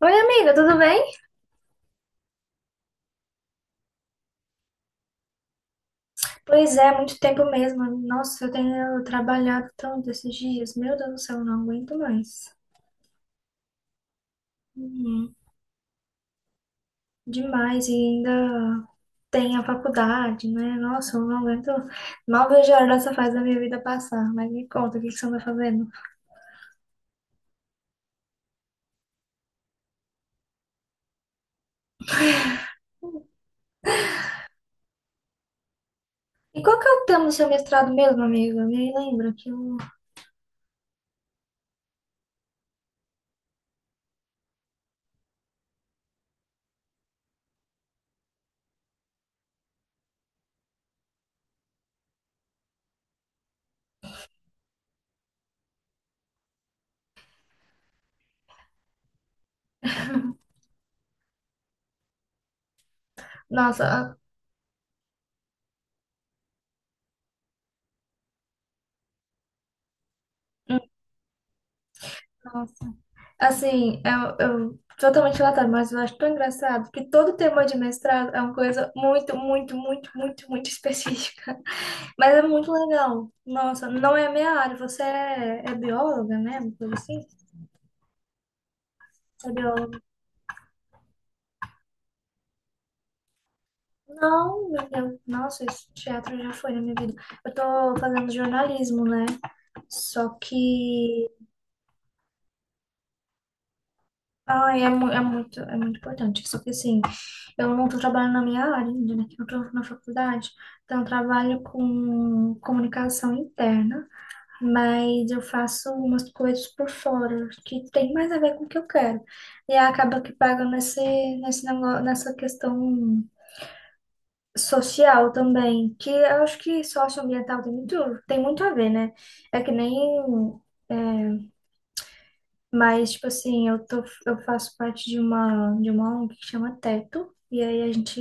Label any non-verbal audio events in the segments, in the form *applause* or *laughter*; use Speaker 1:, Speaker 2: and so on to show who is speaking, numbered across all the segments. Speaker 1: Oi, amiga, tudo bem? Pois é, muito tempo mesmo. Nossa, eu tenho trabalhado tanto esses dias. Meu Deus do céu, eu não aguento mais. Uhum. Demais, e ainda tem a faculdade, né? Nossa, eu não aguento. Mal vejo a hora dessa fase da minha vida passar. Mas me conta, o que que você anda fazendo? E qual que é o tema do seu mestrado mesmo, amiga? Me lembra que eu... *laughs* Nossa, a- Nossa. Assim, eu totalmente latado, mas eu acho tão engraçado que todo tema de mestrado é uma coisa muito, muito, muito, muito, muito *laughs* específica. Mas é muito legal. Nossa, não é a minha área. Você é, é bióloga, né? Uma coisa assim? Você é bióloga? Não, meu Deus. Nossa, esse teatro já foi na minha vida. Eu tô fazendo jornalismo, né? Só que ai, é, mu- é muito importante. Só que assim, eu não estou trabalhando na minha área ainda, né? que eu estou na faculdade, então eu trabalho com comunicação interna, mas eu faço umas coisas por fora que tem mais a ver com o que eu quero. E aí acaba que paga nesse, nesse negócio, nessa questão social também, que eu acho que socioambiental tem muito a ver, né? É que nem é, mas, tipo assim, eu tô, eu faço parte de uma ONG que chama Teto. E aí a gente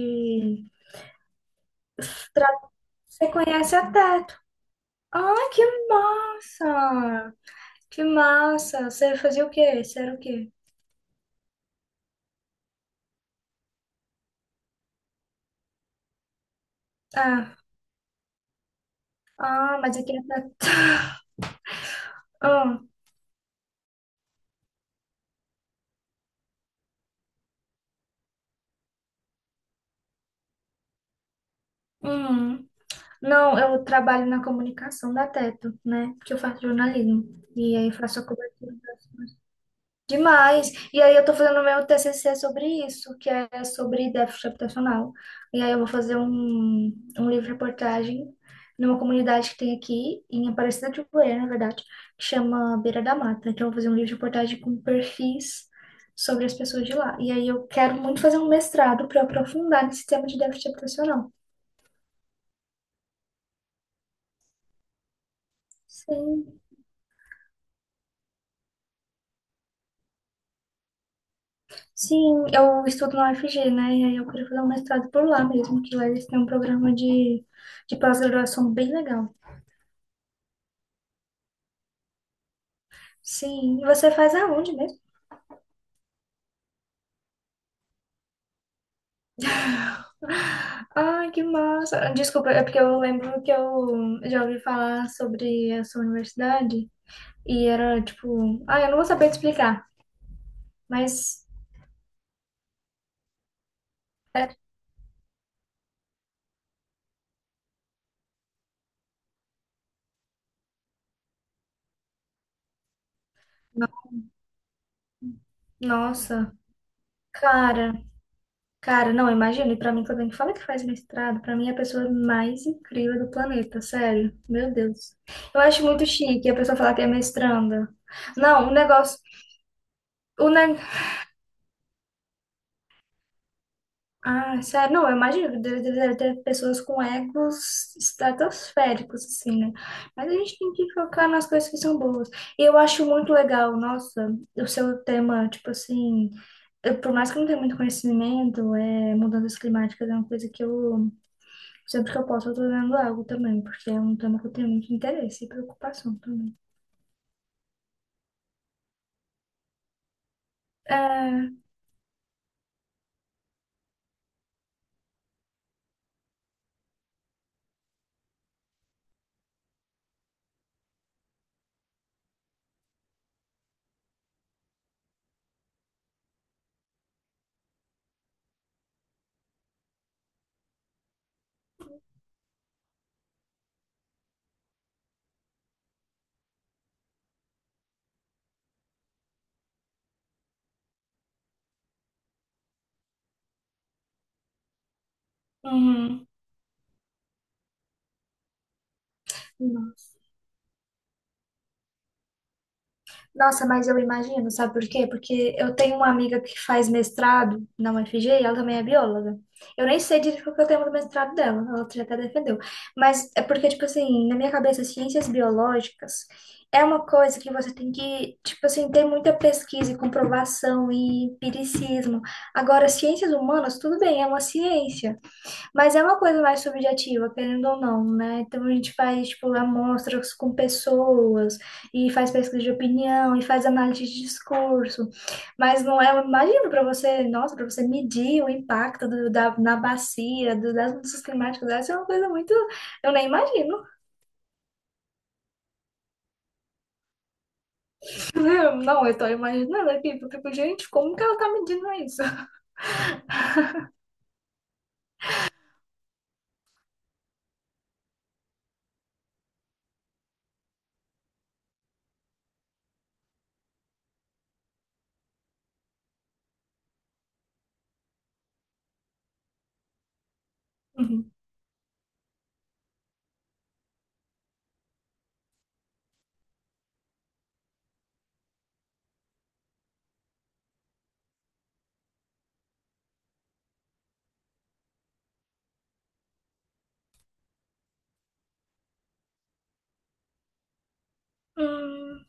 Speaker 1: tra- Você conhece a Teto? Ai, que massa! Que massa! Você fazia o quê? Você era o quê? Ah, ah, mas aqui é Teto. *laughs* Ah, hum. Não, eu trabalho na comunicação da Teto, né? Porque eu faço jornalismo. E aí faço a cobertura. Demais. E aí eu tô fazendo o meu TCC sobre isso, que é sobre déficit habitacional. E aí eu vou fazer um livro-reportagem numa comunidade que tem aqui, em Aparecida de Goiânia, na verdade, que chama Beira da Mata. Então eu vou fazer um livro-reportagem com perfis sobre as pessoas de lá. E aí eu quero muito fazer um mestrado para aprofundar nesse tema de déficit habitacional. Sim, sim, eu estudo na UFG, né? E aí eu queria fazer um mestrado por lá mesmo, que lá eles têm um programa de pós-graduação bem legal. Sim. E você faz aonde mesmo? *laughs* Ai, que massa. Desculpa, é porque eu lembro que eu já ouvi falar sobre a sua universidade e era tipo, ah, eu não vou saber te explicar, mas é, no- nossa, cara, cara, não, imagina, e pra mim quando a gente fala que faz mestrado, pra mim é a pessoa mais incrível do planeta, sério. Meu Deus. Eu acho muito chique a pessoa falar que é mestranda. Não, o negócio, o ah, sério, não, eu imagino que deve, deve, deve ter pessoas com egos estratosféricos, assim, né? Mas a gente tem que focar nas coisas que são boas. E eu acho muito legal, nossa, o seu tema, tipo assim, eu, por mais que eu não tenha muito conhecimento, é, mudanças climáticas é uma coisa que eu, sempre que eu posso, eu tô lendo algo também, porque é um tema que eu tenho muito interesse e preocupação também. É, uhum. Nossa, mas eu imagino, sabe por quê? Porque eu tenho uma amiga que faz mestrado na UFG e ela também é bióloga. Eu nem sei direito qual que é o tema do mestrado dela, ela já até defendeu. Mas é porque, tipo assim, na minha cabeça, ciências biológicas é uma coisa que você tem que, tipo assim, ter muita pesquisa e comprovação e empiricismo. Agora, ciências humanas, tudo bem, é uma ciência. Mas é uma coisa mais subjetiva, querendo ou não, né? Então a gente faz, tipo, amostras com pessoas, e faz pesquisa de opinião, e faz análise de discurso. Mas não é, imagino para você, nossa, para você medir o impacto do, da, na bacia, do, das mudanças climáticas, essa é uma coisa muito. Eu nem imagino. *laughs* Não, eu tô imaginando aqui, eu fico, gente, como que ela tá medindo isso? *laughs* Uhum. Hum,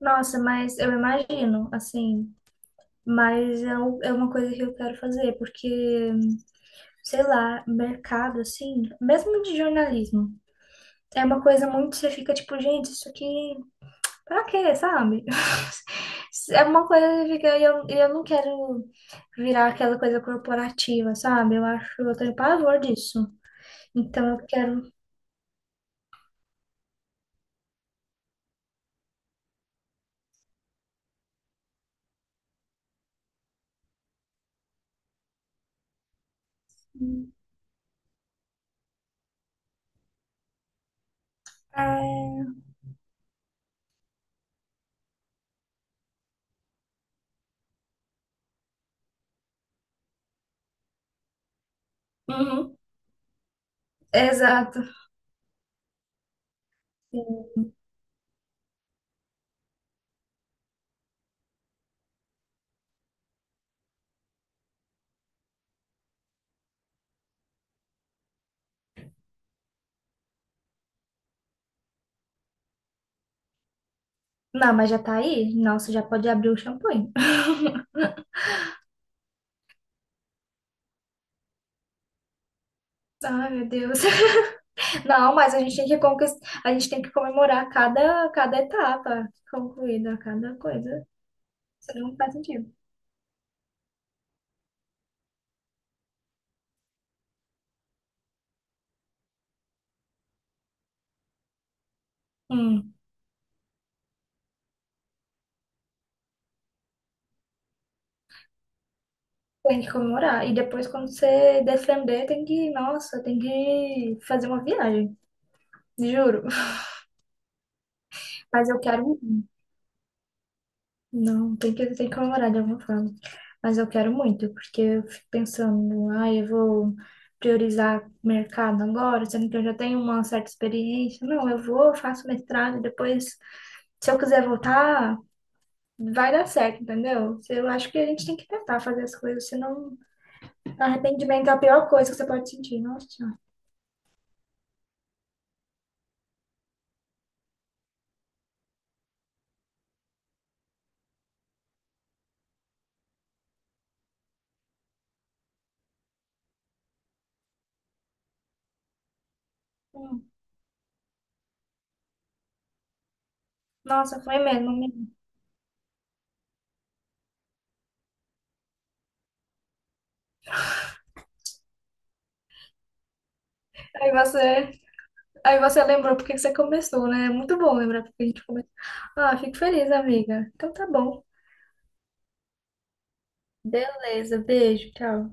Speaker 1: nossa, mas eu imagino, assim, mas é, um- é uma coisa que eu quero fazer, porque. Sei lá, mercado, assim, mesmo de jornalismo. É uma coisa muito, você fica tipo, gente, isso aqui, pra quê, sabe? *laughs* É uma coisa que fica, e eu não quero virar aquela coisa corporativa, sabe? Eu acho, eu tenho pavor disso. Então eu quero. É... Uhum, exato. Sim. Não, mas já tá aí? Nossa, já pode abrir o champanhe. *laughs* Ai, meu Deus. *laughs* Não, mas a gente tem que conquistar, a gente tem que comemorar cada, cada etapa concluída, cada coisa. Isso não faz sentido. Hum, tem que comemorar. E depois, quando você defender, tem que, nossa, tem que fazer uma viagem. Juro. Mas eu quero muito. Não, tem que comemorar de alguma forma. Mas eu quero muito, porque eu fico pensando, ah, eu vou priorizar mercado agora, sendo que eu já tenho uma certa experiência. Não, eu vou, faço mestrado, depois, se eu quiser voltar, vai dar certo, entendeu? Eu acho que a gente tem que tentar fazer as coisas, senão arrependimento é a pior coisa que você pode sentir. Nossa, Senhora. Hum. Nossa, foi mesmo. Mesmo. Aí você, aí você lembrou porque que você começou, né? É muito bom lembrar porque a gente começou. Ah, fico feliz, amiga. Então tá bom. Beleza, beijo, tchau.